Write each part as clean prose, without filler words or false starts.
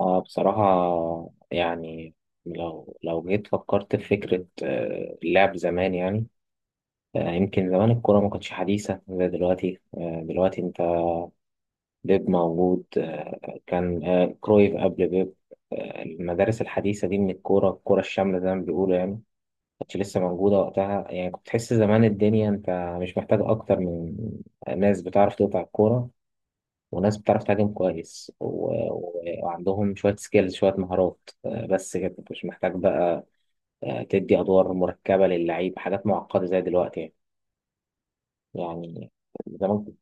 اه بصراحة، يعني لو جيت فكرت في فكرة، اللعب زمان يعني. يمكن زمان الكورة ما كانتش حديثة زي دلوقتي. دلوقتي انت بيب موجود، كان كرويف قبل بيب. المدارس الحديثة دي من الكورة الشاملة زي ما بيقولوا يعني، ما كانتش لسه موجودة وقتها. يعني كنت تحس زمان الدنيا انت مش محتاج اكتر من ناس بتعرف تقطع الكورة، وناس بتعرف تهاجم كويس و... وعندهم شوية سكيلز، شوية مهارات. بس كده، مش محتاج بقى تدي أدوار مركبة للعيب، حاجات معقدة زي دلوقتي يعني. يعني زمان كنت-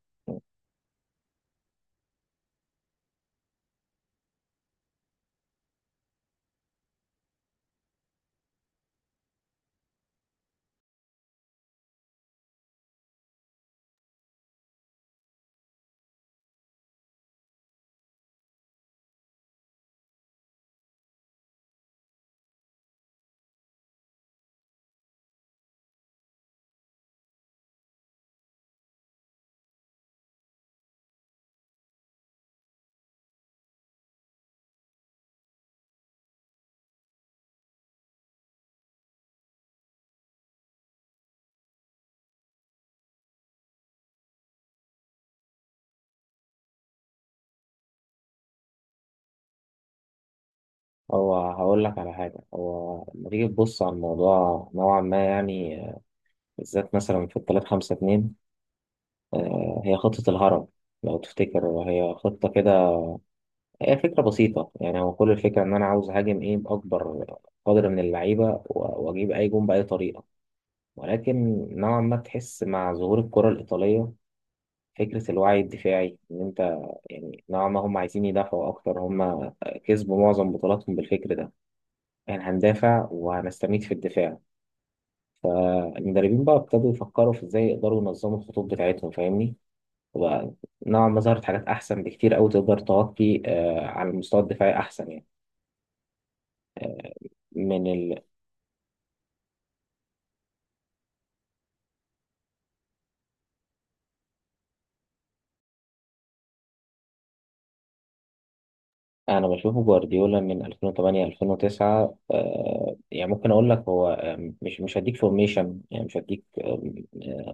هو هقول لك على حاجة. هو لما تيجي تبص على الموضوع نوعا ما يعني، بالذات مثلا في التلات خمسة اتنين، هي خطة الهرم لو تفتكر. هي خطة كده، هي فكرة بسيطة يعني. هو كل الفكرة إن أنا عاوز أهاجم إيه بأكبر قدر من اللعيبة، وأجيب أي جون بأي طريقة. ولكن نوعا ما تحس مع ظهور الكرة الإيطالية فكرة الوعي الدفاعي. إن أنت، يعني نوعا ما هم عايزين يدافعوا أكتر. هم كسبوا معظم بطولاتهم بالفكر ده، يعني هندافع وهنستميت في الدفاع. المدربين بقى ابتدوا يفكروا في إزاي يقدروا ينظموا الخطوط بتاعتهم، فاهمني؟ وبقى نوعا ما ظهرت حاجات أحسن بكتير أوي، تقدر تغطي على المستوى الدفاعي أحسن يعني. من انا بشوفه جوارديولا من 2008 2009. يعني ممكن اقول لك هو، مش هديك فورميشن يعني، مش هديك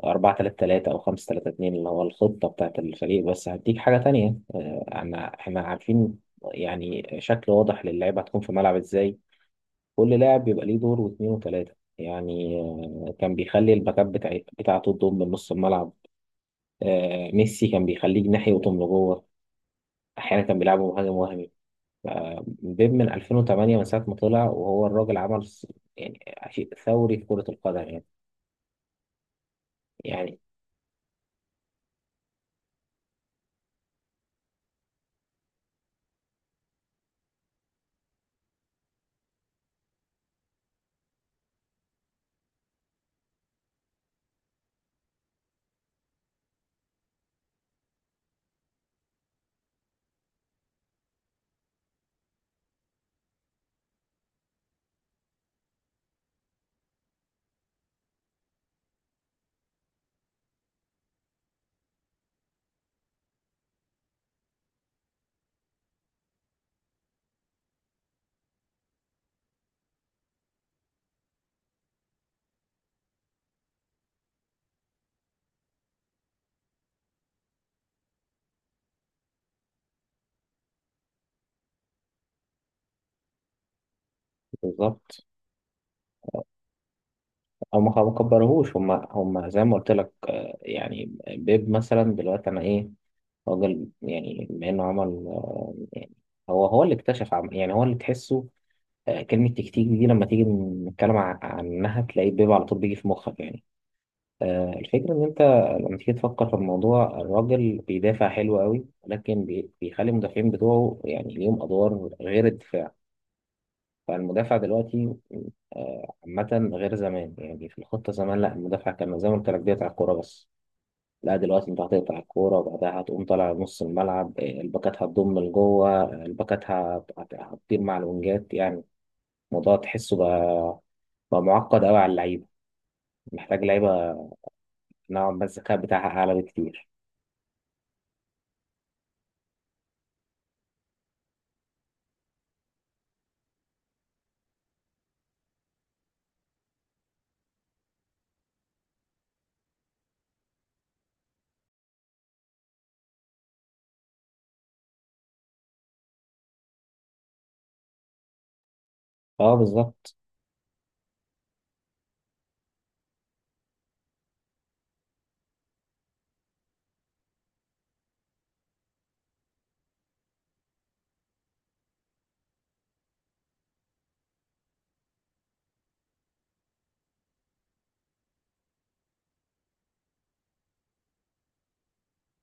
4 3 3 او 5 3 2 اللي هو الخطه بتاعت الفريق، بس هديك حاجه تانية. آه، انا احنا عارفين يعني شكل واضح للعيبه هتكون في ملعب ازاي. كل لاعب بيبقى ليه دور، واثنين وثلاثه يعني. كان بيخلي الباكات بتاعته تضم من نص الملعب. ميسي كان بيخليه جناحي ويضم لجوه، احيانا كان بيلعبه مهاجم وهمي. بيب من 2008، من ساعة ما طلع، وهو الراجل عمل يعني شيء ثوري في كرة القدم يعني. يعني بالظبط. هم ما كبروهوش. هم زي ما قلت لك، يعني بيب مثلا دلوقتي أنا إيه، راجل، يعني بما إنه عمل يعني، هو اللي اكتشف يعني، هو اللي تحسه. كلمة تكتيك دي لما تيجي نتكلم عنها، تلاقي بيب على طول بيجي في مخك يعني. الفكرة إن أنت لما تيجي تفكر في الموضوع، الراجل بيدافع حلو قوي، لكن بيخلي المدافعين بتوعه يعني ليهم أدوار غير الدفاع. فالمدافع دلوقتي عامة غير زمان يعني. في الخطة زمان لا، المدافع كان زي ما قلت لك بيقطع الكورة بس. لا دلوقتي أنت هتقطع الكورة، وبعدها هتقوم طالع نص الملعب. الباكات هتضم لجوه، الباكات هتطير مع الونجات يعني. الموضوع تحسه بقى، بقى معقد قوي على اللعيبة. محتاج لعيبة نوعا ما الذكاء بتاعها أعلى بكتير. اه، بالظبط.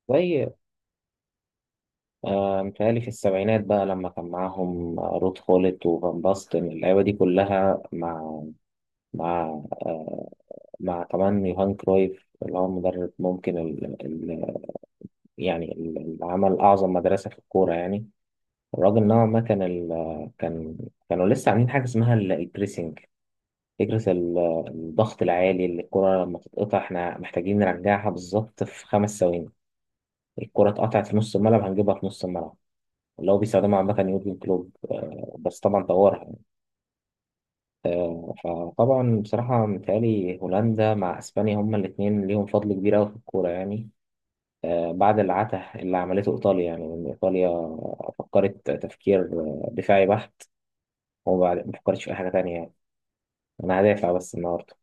زي متهيألي في السبعينات بقى، لما كان معاهم رود خولت وفان باستن، اللعيبة دي كلها مع، مع آه، مع كمان يوهان كرويف، اللي هو المدرب. ممكن اللي عمل أعظم مدرسة في الكورة يعني. الراجل نوعا ما كانوا لسه عاملين حاجة اسمها البريسنج، فكرة الضغط العالي. اللي الكرة لما تتقطع، احنا محتاجين نرجعها بالظبط في خمس ثواني. الكرة اتقطعت في نص الملعب، هنجيبها في نص الملعب. اللي هو بيستخدمها عامة يورجن كلوب، بس طبعا طورها. فطبعا بصراحة، متهيألي هولندا مع أسبانيا هما الاتنين ليهم فضل كبير أوي في الكورة يعني. بعد العته اللي عملته إيطاليا. يعني إن إيطاليا فكرت تفكير دفاعي بحت، وبعد ما فكرتش في أي حاجة تانية يعني. أنا هدافع بس النهاردة.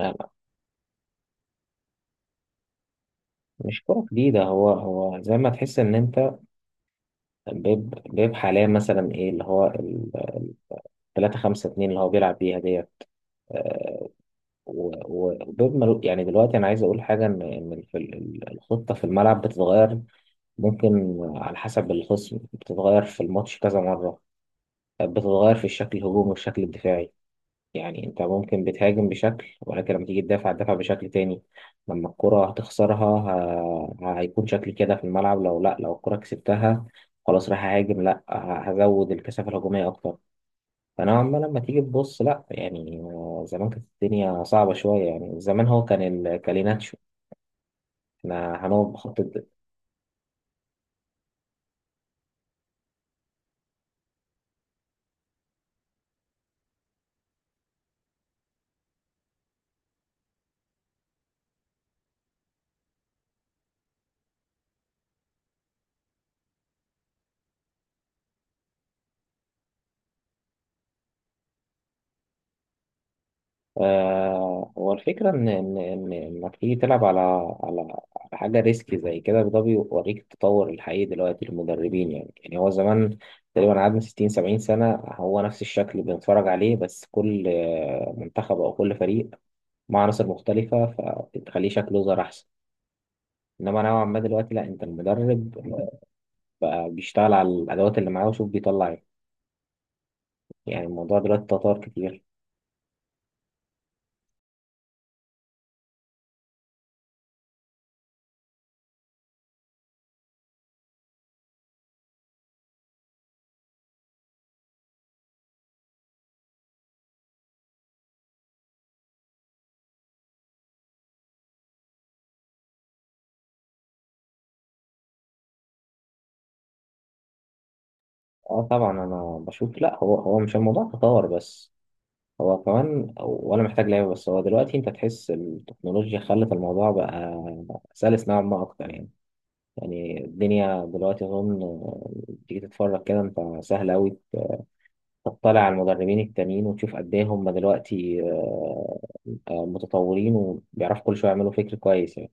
لا، لا، مش كرة جديدة. هو زي ما تحس إن أنت، بيب حاليا مثلا إيه اللي هو ال 3 5 2 اللي هو بيلعب بيها ديت. آه، يعني دلوقتي انا عايز اقول حاجه، الخطه في الملعب بتتغير. ممكن على حسب الخصم بتتغير في الماتش كذا مره، بتتغير في الشكل الهجومي والشكل الدفاعي. يعني انت ممكن بتهاجم بشكل، ولكن لما تيجي تدافع تدافع بشكل تاني. لما الكره هتخسرها، هيكون شكل كده في الملعب. لو لا، لو الكره كسبتها خلاص راح اهاجم، لا هزود الكثافه الهجوميه اكتر. فنوعا ما لما تيجي تبص لا يعني، زمان كانت الدنيا صعبة شوية يعني. زمان هو كان الكاليناتشو، احنا هنقعد بخط. آه، هو الفكرة إن إنك تيجي تلعب على على حاجة ريسكي زي كده، ده بيوريك التطور الحقيقي دلوقتي للمدربين يعني. يعني هو زمان تقريبا قعدنا 60 70 سنة هو نفس الشكل بنتفرج عليه، بس كل منتخب أو كل فريق مع عناصر مختلفة، فتخليه شكله ظهر أحسن. انما نوعا ما دلوقتي لا، انت المدرب بقى بيشتغل على الادوات اللي معاه وشوف بيطلع ايه. يعني الموضوع دلوقتي تطور كتير. اه طبعا، انا بشوف لا، هو مش الموضوع تطور بس، هو كمان ولا محتاج لعيبه بس. هو دلوقتي انت تحس التكنولوجيا خلت الموضوع بقى سلس نوعا ما اكتر يعني. يعني الدنيا دلوقتي اظن، تيجي تتفرج كده انت سهل قوي. تطلع على المدربين التانيين وتشوف قد ايه هم دلوقتي متطورين وبيعرفوا كل شويه يعملوا فكر كويس يعني.